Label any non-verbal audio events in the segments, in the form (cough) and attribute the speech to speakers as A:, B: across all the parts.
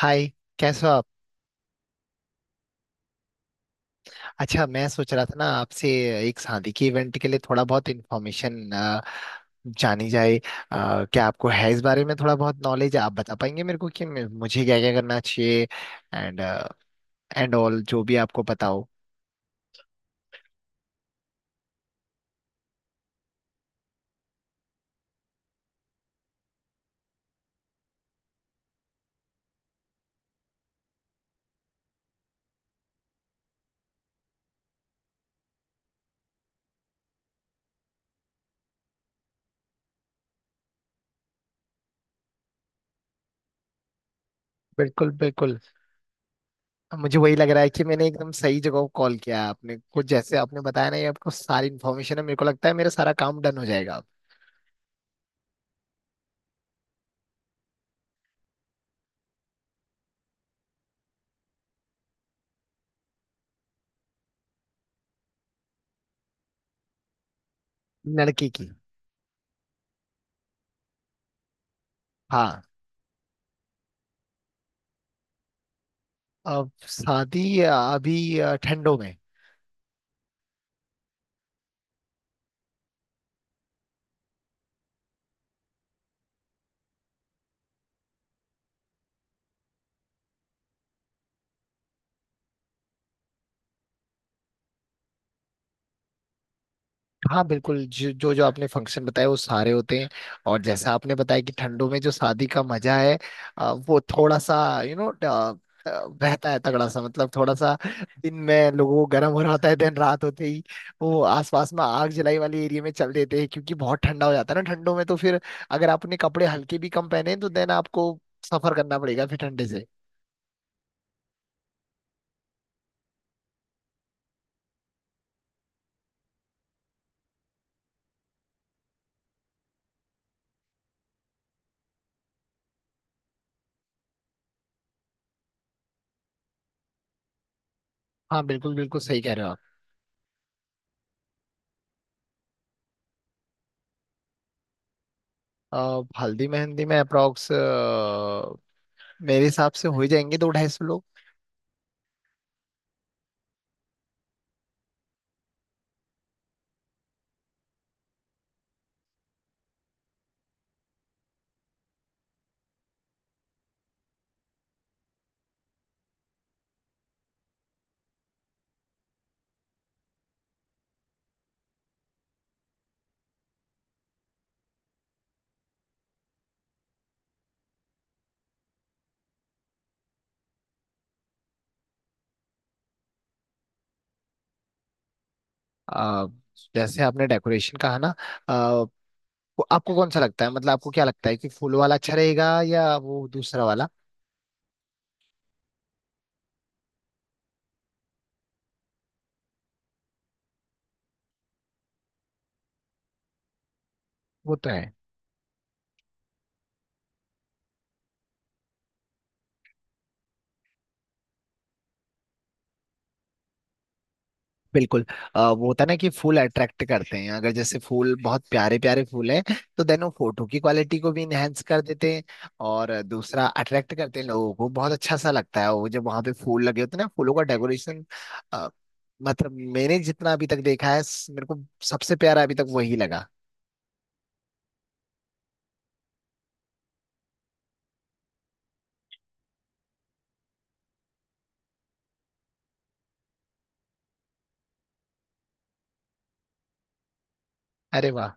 A: हाय। कैसे हो आप। अच्छा, मैं सोच रहा था ना आपसे एक शादी के इवेंट के लिए थोड़ा बहुत इन्फॉर्मेशन जानी जाए, क्या आपको है इस बारे में थोड़ा बहुत नॉलेज। आप बता पाएंगे मेरे को कि मुझे क्या क्या करना चाहिए एंड एंड ऑल जो भी आपको पता हो। बिल्कुल, बिल्कुल। मुझे वही लग रहा है कि मैंने एकदम सही जगह को कॉल किया है। आपने कुछ जैसे आपने बताया ना, ये आपको सारी इन्फॉर्मेशन है। मेरे को लगता है मेरा सारा काम डन हो जाएगा। लड़की की। हाँ। अब शादी अभी ठंडों में। हाँ, बिल्कुल। जो जो जो आपने फंक्शन बताए वो सारे होते हैं। और जैसा आपने बताया कि ठंडों में जो शादी का मजा है, वो थोड़ा सा यू नो बहता है तगड़ा सा, मतलब थोड़ा सा। दिन में लोगों को गर्म हो रहा होता है, दिन रात होते ही वो आसपास में आग जलाई वाले एरिया में चल देते हैं, क्योंकि बहुत ठंडा हो जाता है ना ठंडों में। तो फिर अगर आपने कपड़े हल्के भी कम पहने हैं, तो देन आपको सफर करना पड़ेगा फिर ठंडे से। हाँ, बिल्कुल बिल्कुल सही कह रहे हो आप। हल्दी मेहंदी में अप्रोक्स मेरे हिसाब से हो ही जाएंगे 200-250 लोग। आ, जैसे आपने डेकोरेशन कहा ना, आ, आपको कौन सा लगता है? मतलब आपको क्या लगता है कि फूल वाला अच्छा रहेगा या वो दूसरा वाला? वो तो है। बिल्कुल। वो होता है ना कि फूल अट्रैक्ट करते हैं। अगर जैसे फूल बहुत प्यारे प्यारे फूल हैं, तो देन वो फोटो की क्वालिटी को भी इनहेंस कर देते हैं। और दूसरा, अट्रैक्ट करते हैं लोगों को, बहुत अच्छा सा लगता है वो जब वहां पे फूल लगे होते हैं ना, फूलों का डेकोरेशन। मतलब मैंने जितना अभी तक देखा है, मेरे को सबसे प्यारा अभी तक वही लगा। अरे वाह।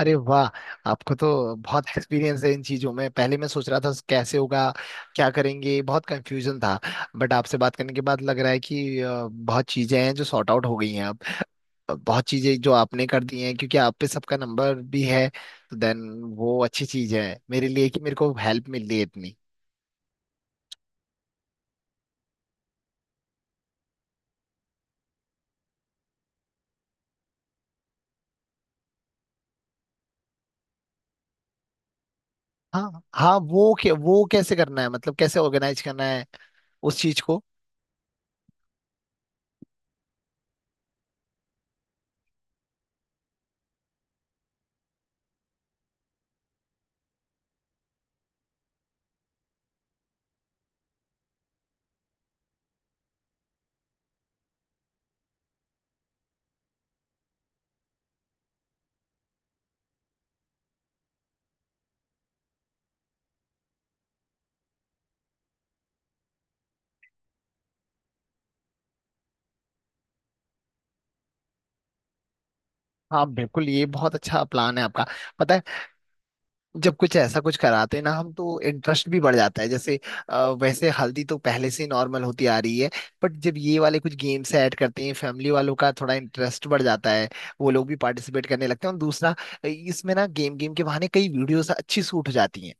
A: अरे वाह, आपको तो बहुत एक्सपीरियंस है इन चीजों में। पहले मैं सोच रहा था कैसे होगा, क्या करेंगे, बहुत कंफ्यूजन था। बट आपसे बात करने के बाद लग रहा है कि बहुत चीजें हैं जो सॉर्ट आउट हो गई हैं अब। बहुत चीजें जो आपने कर दी हैं, क्योंकि आप पे सबका नंबर भी है। तो देन वो अच्छी चीज है मेरे लिए कि मेरे को हेल्प मिल रही है इतनी। हाँ, हाँ। वो कैसे करना है? मतलब कैसे ऑर्गेनाइज करना है उस चीज को? हाँ, बिल्कुल, ये बहुत अच्छा प्लान है आपका। पता है, जब कुछ ऐसा कुछ कराते हैं ना हम, तो इंटरेस्ट भी बढ़ जाता है। जैसे वैसे हल्दी तो पहले से नॉर्मल होती आ रही है, बट जब ये वाले कुछ गेम्स ऐड करते हैं, फैमिली वालों का थोड़ा इंटरेस्ट बढ़ जाता है। वो लोग भी पार्टिसिपेट करने लगते हैं। और दूसरा, इसमें ना गेम गेम के बहाने कई वीडियोस अच्छी शूट हो जाती हैं।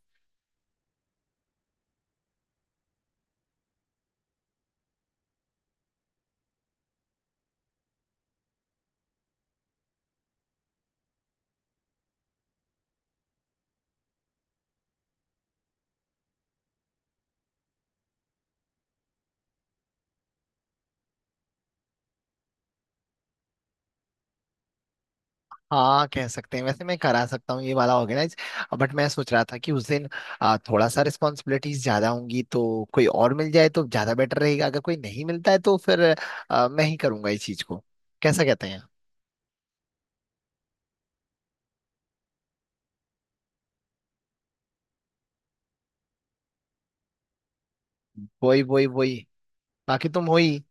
A: हाँ, कह सकते हैं। वैसे मैं करा सकता हूँ ये वाला ऑर्गेनाइज, बट मैं सोच रहा था कि उस दिन थोड़ा सा रिस्पॉन्सिबिलिटीज ज्यादा होंगी, तो कोई और मिल जाए तो ज्यादा बेटर रहेगा। अगर कोई नहीं मिलता है तो फिर मैं ही करूंगा इस चीज को। कैसा कहते हैं? वही, वही, वही। बाकी तुम वही।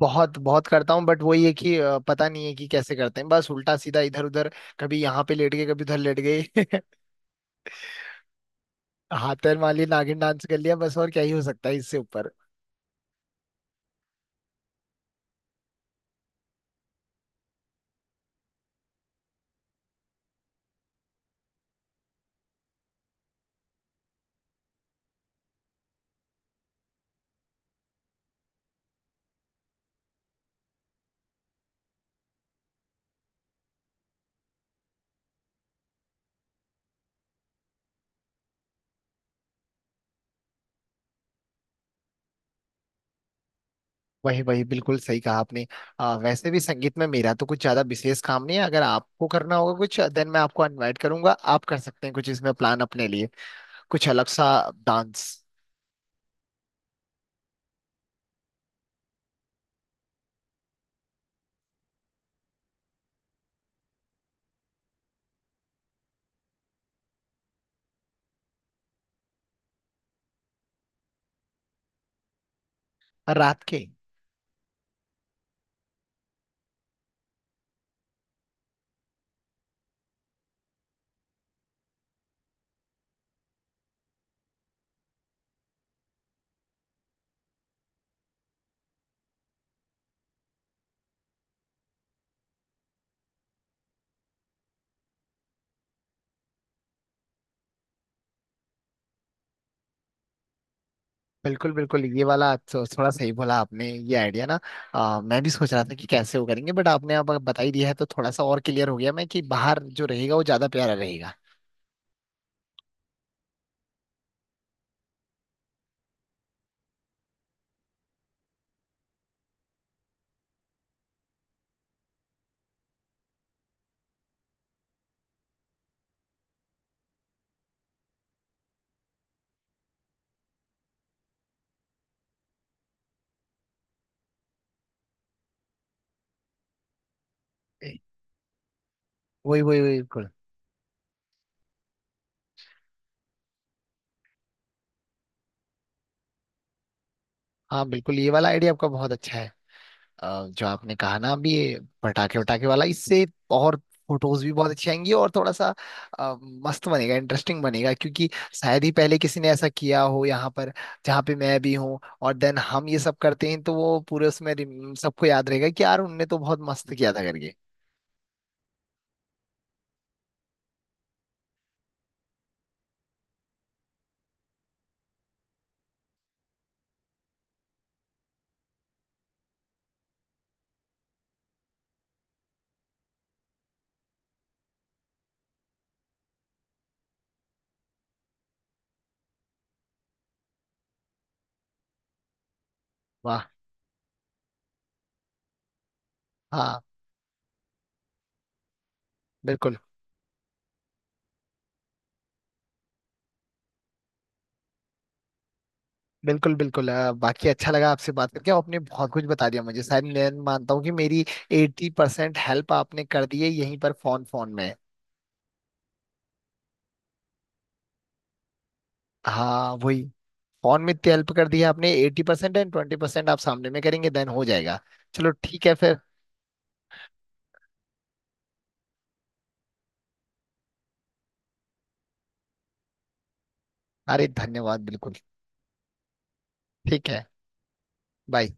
A: बहुत बहुत करता हूँ, बट वही है कि पता नहीं है कि कैसे करते हैं, बस उल्टा सीधा इधर उधर, कभी यहाँ पे लेट गए कभी उधर लेट गए। (laughs) हाथ पैर मार लिए, नागिन डांस कर लिया, बस। और क्या ही हो सकता है इससे ऊपर? वही, वही, बिल्कुल सही कहा आपने। वैसे भी संगीत में मेरा तो कुछ ज्यादा विशेष काम नहीं है। अगर आपको करना होगा कुछ देन मैं आपको इनवाइट करूंगा, आप कर सकते हैं कुछ इसमें प्लान अपने लिए, कुछ अलग सा डांस। रात के। बिल्कुल, बिल्कुल, ये वाला थोड़ा सही बोला आपने, ये आइडिया ना। मैं भी सोच रहा था कि कैसे वो करेंगे, बट आपने अब बता ही दिया है तो थोड़ा सा और क्लियर हो गया मैं कि बाहर जो रहेगा वो ज्यादा प्यारा रहेगा। ए, वही, वही, वही, बिल्कुल। हाँ, बिल्कुल, ये वाला आइडिया आपका बहुत अच्छा है। जो आपने कहा ना अभी, ये पटाखे वटाखे वाला, इससे और फोटोज भी बहुत अच्छी आएंगी, और थोड़ा सा अ, मस्त बनेगा, इंटरेस्टिंग बनेगा, क्योंकि शायद ही पहले किसी ने ऐसा किया हो यहाँ पर जहाँ पे मैं भी हूँ। और देन हम ये सब करते हैं तो वो पूरे उसमें सबको याद रहेगा कि यार उनने तो बहुत मस्त किया था करके। वाह। हाँ, बिल्कुल, बिल्कुल, बिल्कुल। बाकी अच्छा लगा आपसे बात करके, आपने बहुत कुछ बता दिया मुझे। शायद मैं मानता हूँ कि मेरी 80% हेल्प आपने कर दी है यहीं पर फोन फोन में। हाँ, वही। फोन में इतनी हेल्प कर दी है आपने, 80%। एंड 20% आप सामने में करेंगे, देन हो जाएगा। चलो, ठीक है फिर। अरे, धन्यवाद, बिल्कुल। ठीक है। बाय।